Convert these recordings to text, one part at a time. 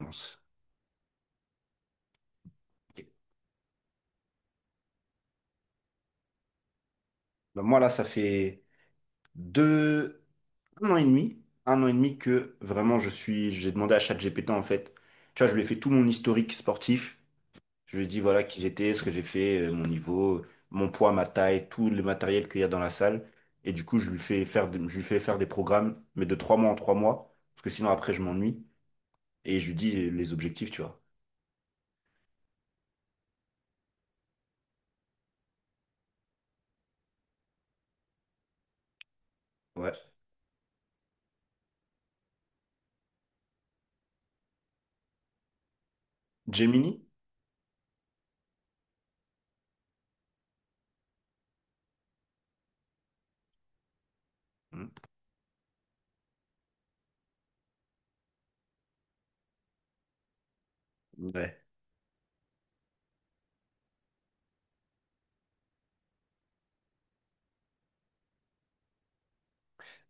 Mince. Ok. Ben, moi, là, ça fait deux, un an et demi que vraiment j'ai demandé à ChatGPT en fait. Tu vois, je lui ai fait tout mon historique sportif. Je lui ai dit voilà qui j'étais, ce que j'ai fait, mon niveau, mon poids, ma taille, tout le matériel qu'il y a dans la salle. Et du coup, je lui fais faire des programmes, mais de 3 mois en 3 mois, parce que sinon après je m'ennuie. Et je lui dis les objectifs, tu vois. Ouais. Gemini? Hmm. Ouais.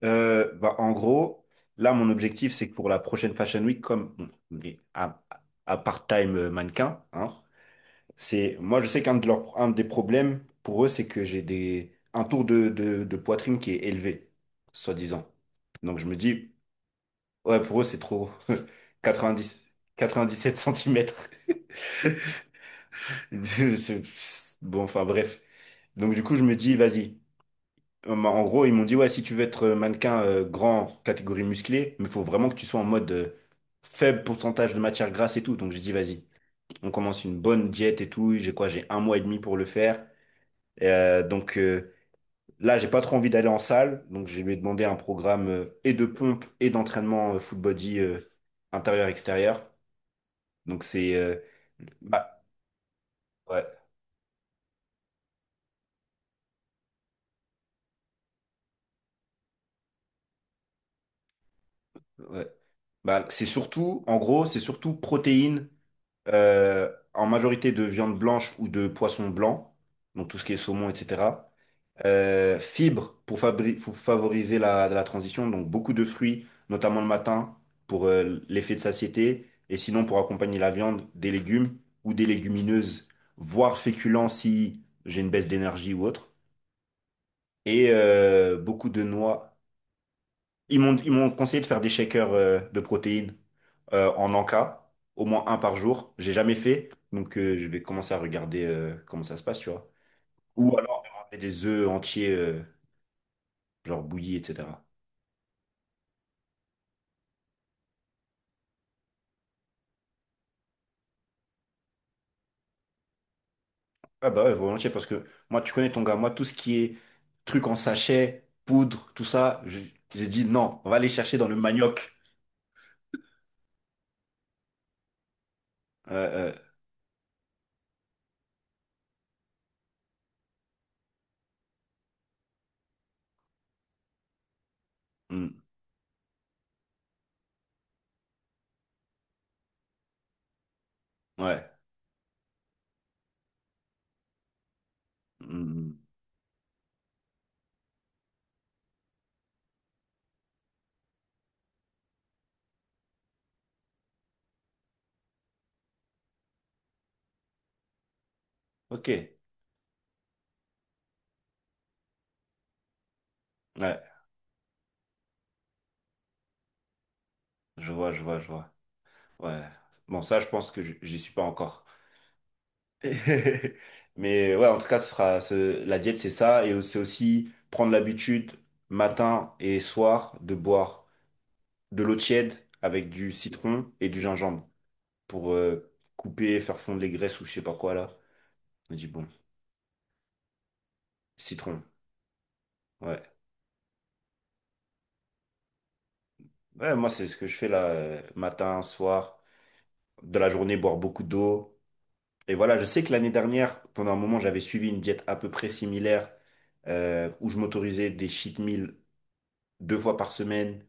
Bah, en gros, là, mon objectif, c'est que pour la prochaine Fashion Week, comme bon, mais à part-time mannequin, hein, c'est moi, je sais un des problèmes pour eux, c'est que j'ai des un tour de poitrine qui est élevé, soi-disant. Donc je me dis, ouais, pour eux, c'est trop. 90, 97 cm. Bon, enfin bref. Donc du coup, je me dis, vas-y. Bah, en gros, ils m'ont dit, ouais, si tu veux être mannequin grand, catégorie musclée, mais il faut vraiment que tu sois en mode faible pourcentage de matière grasse et tout. Donc j'ai dit, vas-y, on commence une bonne diète et tout. J'ai quoi? J'ai 1 mois et demi pour le faire. Et, donc là, j'ai pas trop envie d'aller en salle. Donc je lui ai demandé un programme et de pompe et d'entraînement full body intérieur-extérieur. Donc c'est... euh, Bah, ouais, ouais. Bah, c'est surtout, en gros, c'est surtout protéines en majorité de viande blanche ou de poisson blanc, donc tout ce qui est saumon, etc. Fibres pour favoriser la transition, donc beaucoup de fruits, notamment le matin, pour l'effet de satiété, et sinon pour accompagner la viande, des légumes ou des légumineuses, voire féculents si j'ai une baisse d'énergie ou autre. Et beaucoup de noix. Ils m'ont conseillé de faire des shakers de protéines en Anka, au moins un par jour. J'ai jamais fait, donc je vais commencer à regarder comment ça se passe, tu vois. Ou alors demander des œufs entiers, genre bouillis, etc. Ah bah ouais, volontiers, parce que moi, tu connais ton gars, moi, tout ce qui est truc en sachet, poudre, tout ça, j'ai dit non, on va aller chercher dans le manioc. Euh, euh, hmm, ouais. Hmm, ok. Ouais, je vois, je vois, je vois. Ouais. Bon, ça, je pense que j'y suis pas encore. Mais ouais, en tout cas, la diète, c'est ça. Et c'est aussi prendre l'habitude, matin et soir, de boire de l'eau tiède avec du citron et du gingembre pour couper, faire fondre les graisses ou je sais pas quoi là. On dit bon, citron. Ouais. Ouais, moi, c'est ce que je fais là, matin, soir, de la journée, boire beaucoup d'eau. Et voilà, je sais que l'année dernière, pendant un moment, j'avais suivi une diète à peu près similaire où je m'autorisais des cheat meals deux fois par semaine.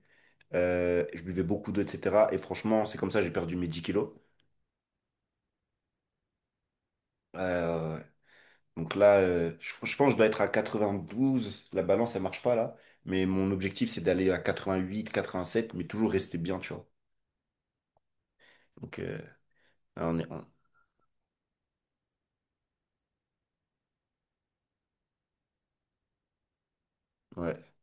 Je buvais beaucoup d'eau, etc. Et franchement, c'est comme ça, que j'ai perdu mes 10 kilos. Euh, donc là, je pense que je dois être à 92. La balance, elle marche pas là. Mais mon objectif, c'est d'aller à 88, 87, mais toujours rester bien, tu vois. Donc, on est, ouais.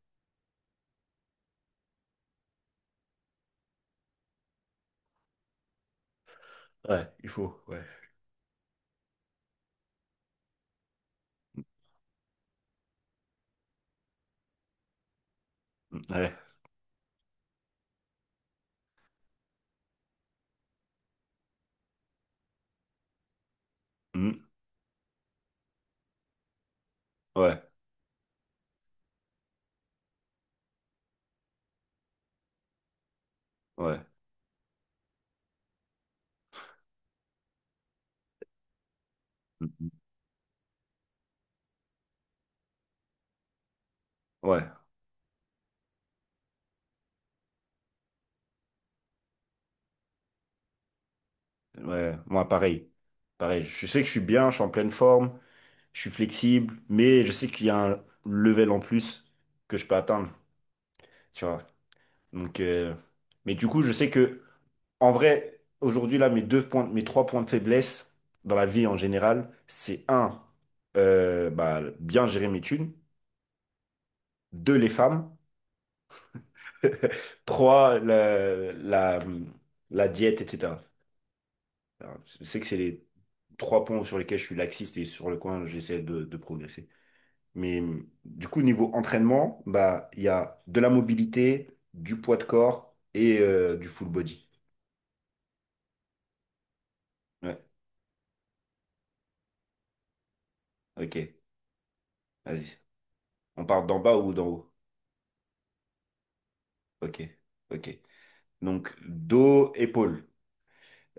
Ouais, il faut, ouais. Mm, ouais. Mm, ouais, ouais. Mm, mm. Ouais, ouais. Moi, pareil. Pareil. Je sais que je suis bien, je suis en pleine forme, je suis flexible, mais je sais qu'il y a un level en plus que je peux atteindre, tu vois. Donc, mais du coup, je sais que, en vrai, aujourd'hui, là, mes deux points, mes trois points de faiblesse dans la vie en général, c'est un, bah, bien gérer mes thunes, deux, les femmes, trois, la diète, etc. Alors, je sais que c'est les trois points sur lesquels je suis laxiste et sur le coin, j'essaie de progresser. Mais du coup, niveau entraînement, bah, il y a de la mobilité, du poids de corps et du full body. Ouais, ok, vas-y. On part d'en bas ou d'en haut? Ok, ok. Donc, dos, épaule.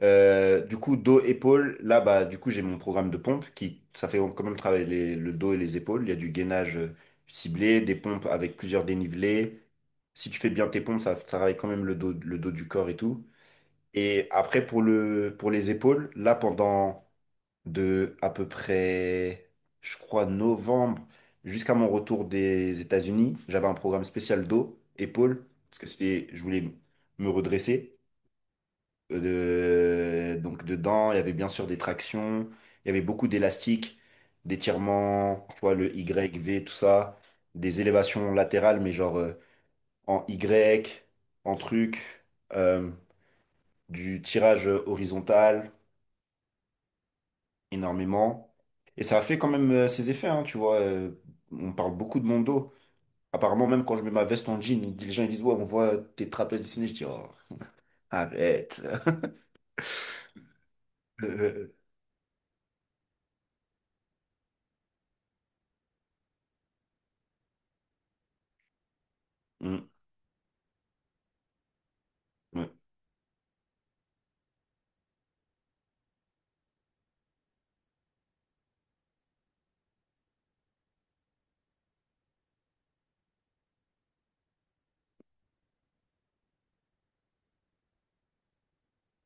Du coup, dos, épaule, là, bah, du coup, j'ai mon programme de pompe qui, ça fait quand même travailler le dos et les épaules. Il y a du gainage ciblé, des pompes avec plusieurs dénivelés. Si tu fais bien tes pompes, ça travaille quand même le dos du corps et tout. Et après, pour les épaules, là, pendant de à peu près, je crois, novembre jusqu'à mon retour des États-Unis. J'avais un programme spécial dos, épaules, parce que je voulais me redresser. Donc dedans, il y avait bien sûr des tractions, il y avait beaucoup d'élastiques, d'étirements, tu vois, le Y, V, tout ça, des élévations latérales, mais genre en Y, en truc, euh, du tirage horizontal. Énormément. Et ça a fait quand même ses effets, hein, tu vois. On parle beaucoup de mon dos. Apparemment, même quand je mets ma veste en jean, les gens ils disent, ouais, on voit tes trapèzes dessinés. Je dis, oh, arrête. Mm, ouais.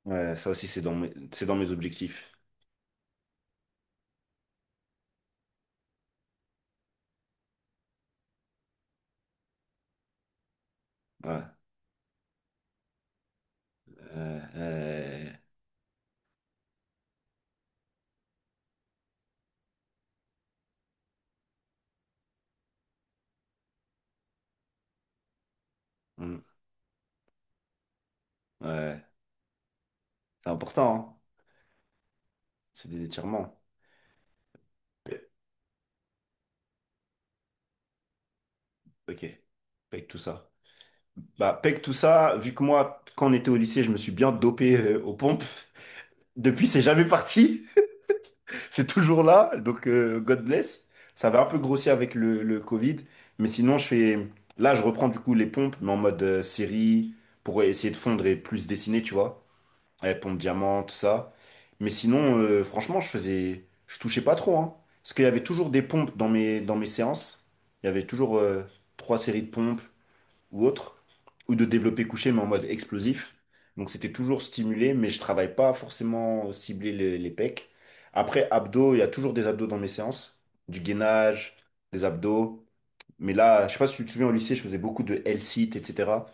Ouais, ça aussi, c'est c'est dans mes objectifs. Ouais. Euh, euh, mm, ouais. C'est important, hein. C'est des étirements. Ok. Pec tout ça. Bah, pec tout ça, vu que moi, quand on était au lycée, je me suis bien dopé aux pompes. Depuis, c'est jamais parti. C'est toujours là, donc God bless. Ça va un peu grossir avec le Covid, mais sinon je fais. Là, je reprends du coup les pompes, mais en mode série, pour essayer de fondre et plus dessiner, tu vois. Pompe diamant, tout ça. Mais sinon, franchement, je faisais. Je touchais pas trop, hein. Parce qu'il y avait toujours des pompes dans mes séances. Il y avait toujours trois séries de pompes ou autre, ou de développer couché, mais en mode explosif. Donc c'était toujours stimulé, mais je travaille pas forcément cibler les pecs. Après, abdos, il y a toujours des abdos dans mes séances, du gainage, des abdos. Mais là, je sais pas si tu te souviens, au lycée, je faisais beaucoup de L-sit, etc.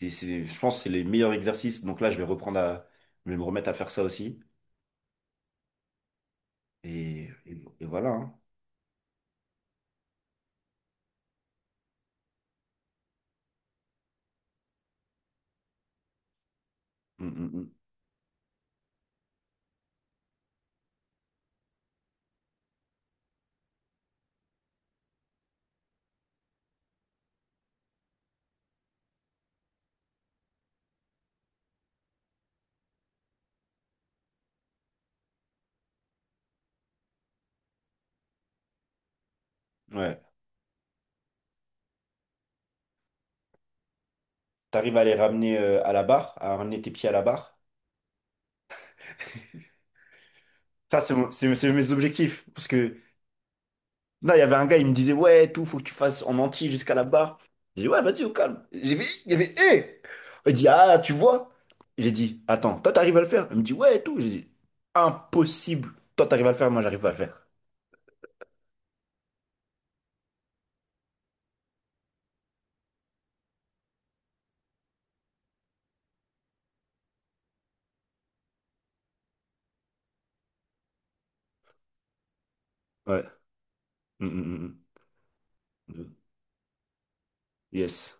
Et je pense que c'est les meilleurs exercices. Donc là, je vais me remettre à faire ça aussi. Et voilà. Hein. Mm, mm, mm. Ouais. T'arrives à les ramener à la barre, à ramener tes pieds à la barre. Ça, c'est mes objectifs. Parce que non, il y avait un gars, il me disait, ouais, tout, faut que tu fasses en entier jusqu'à la barre. J'ai dit, ouais, vas-y, au calme. J'ai vu il y avait, hé! Il dit, ah, tu vois? J'ai dit, attends, toi, t'arrives à le faire? Il me dit, ouais, tout. J'ai dit, impossible. Toi, t'arrives à le faire, moi, j'arrive pas à le faire. Ouais. Mm, mm, mm, mm. Yes.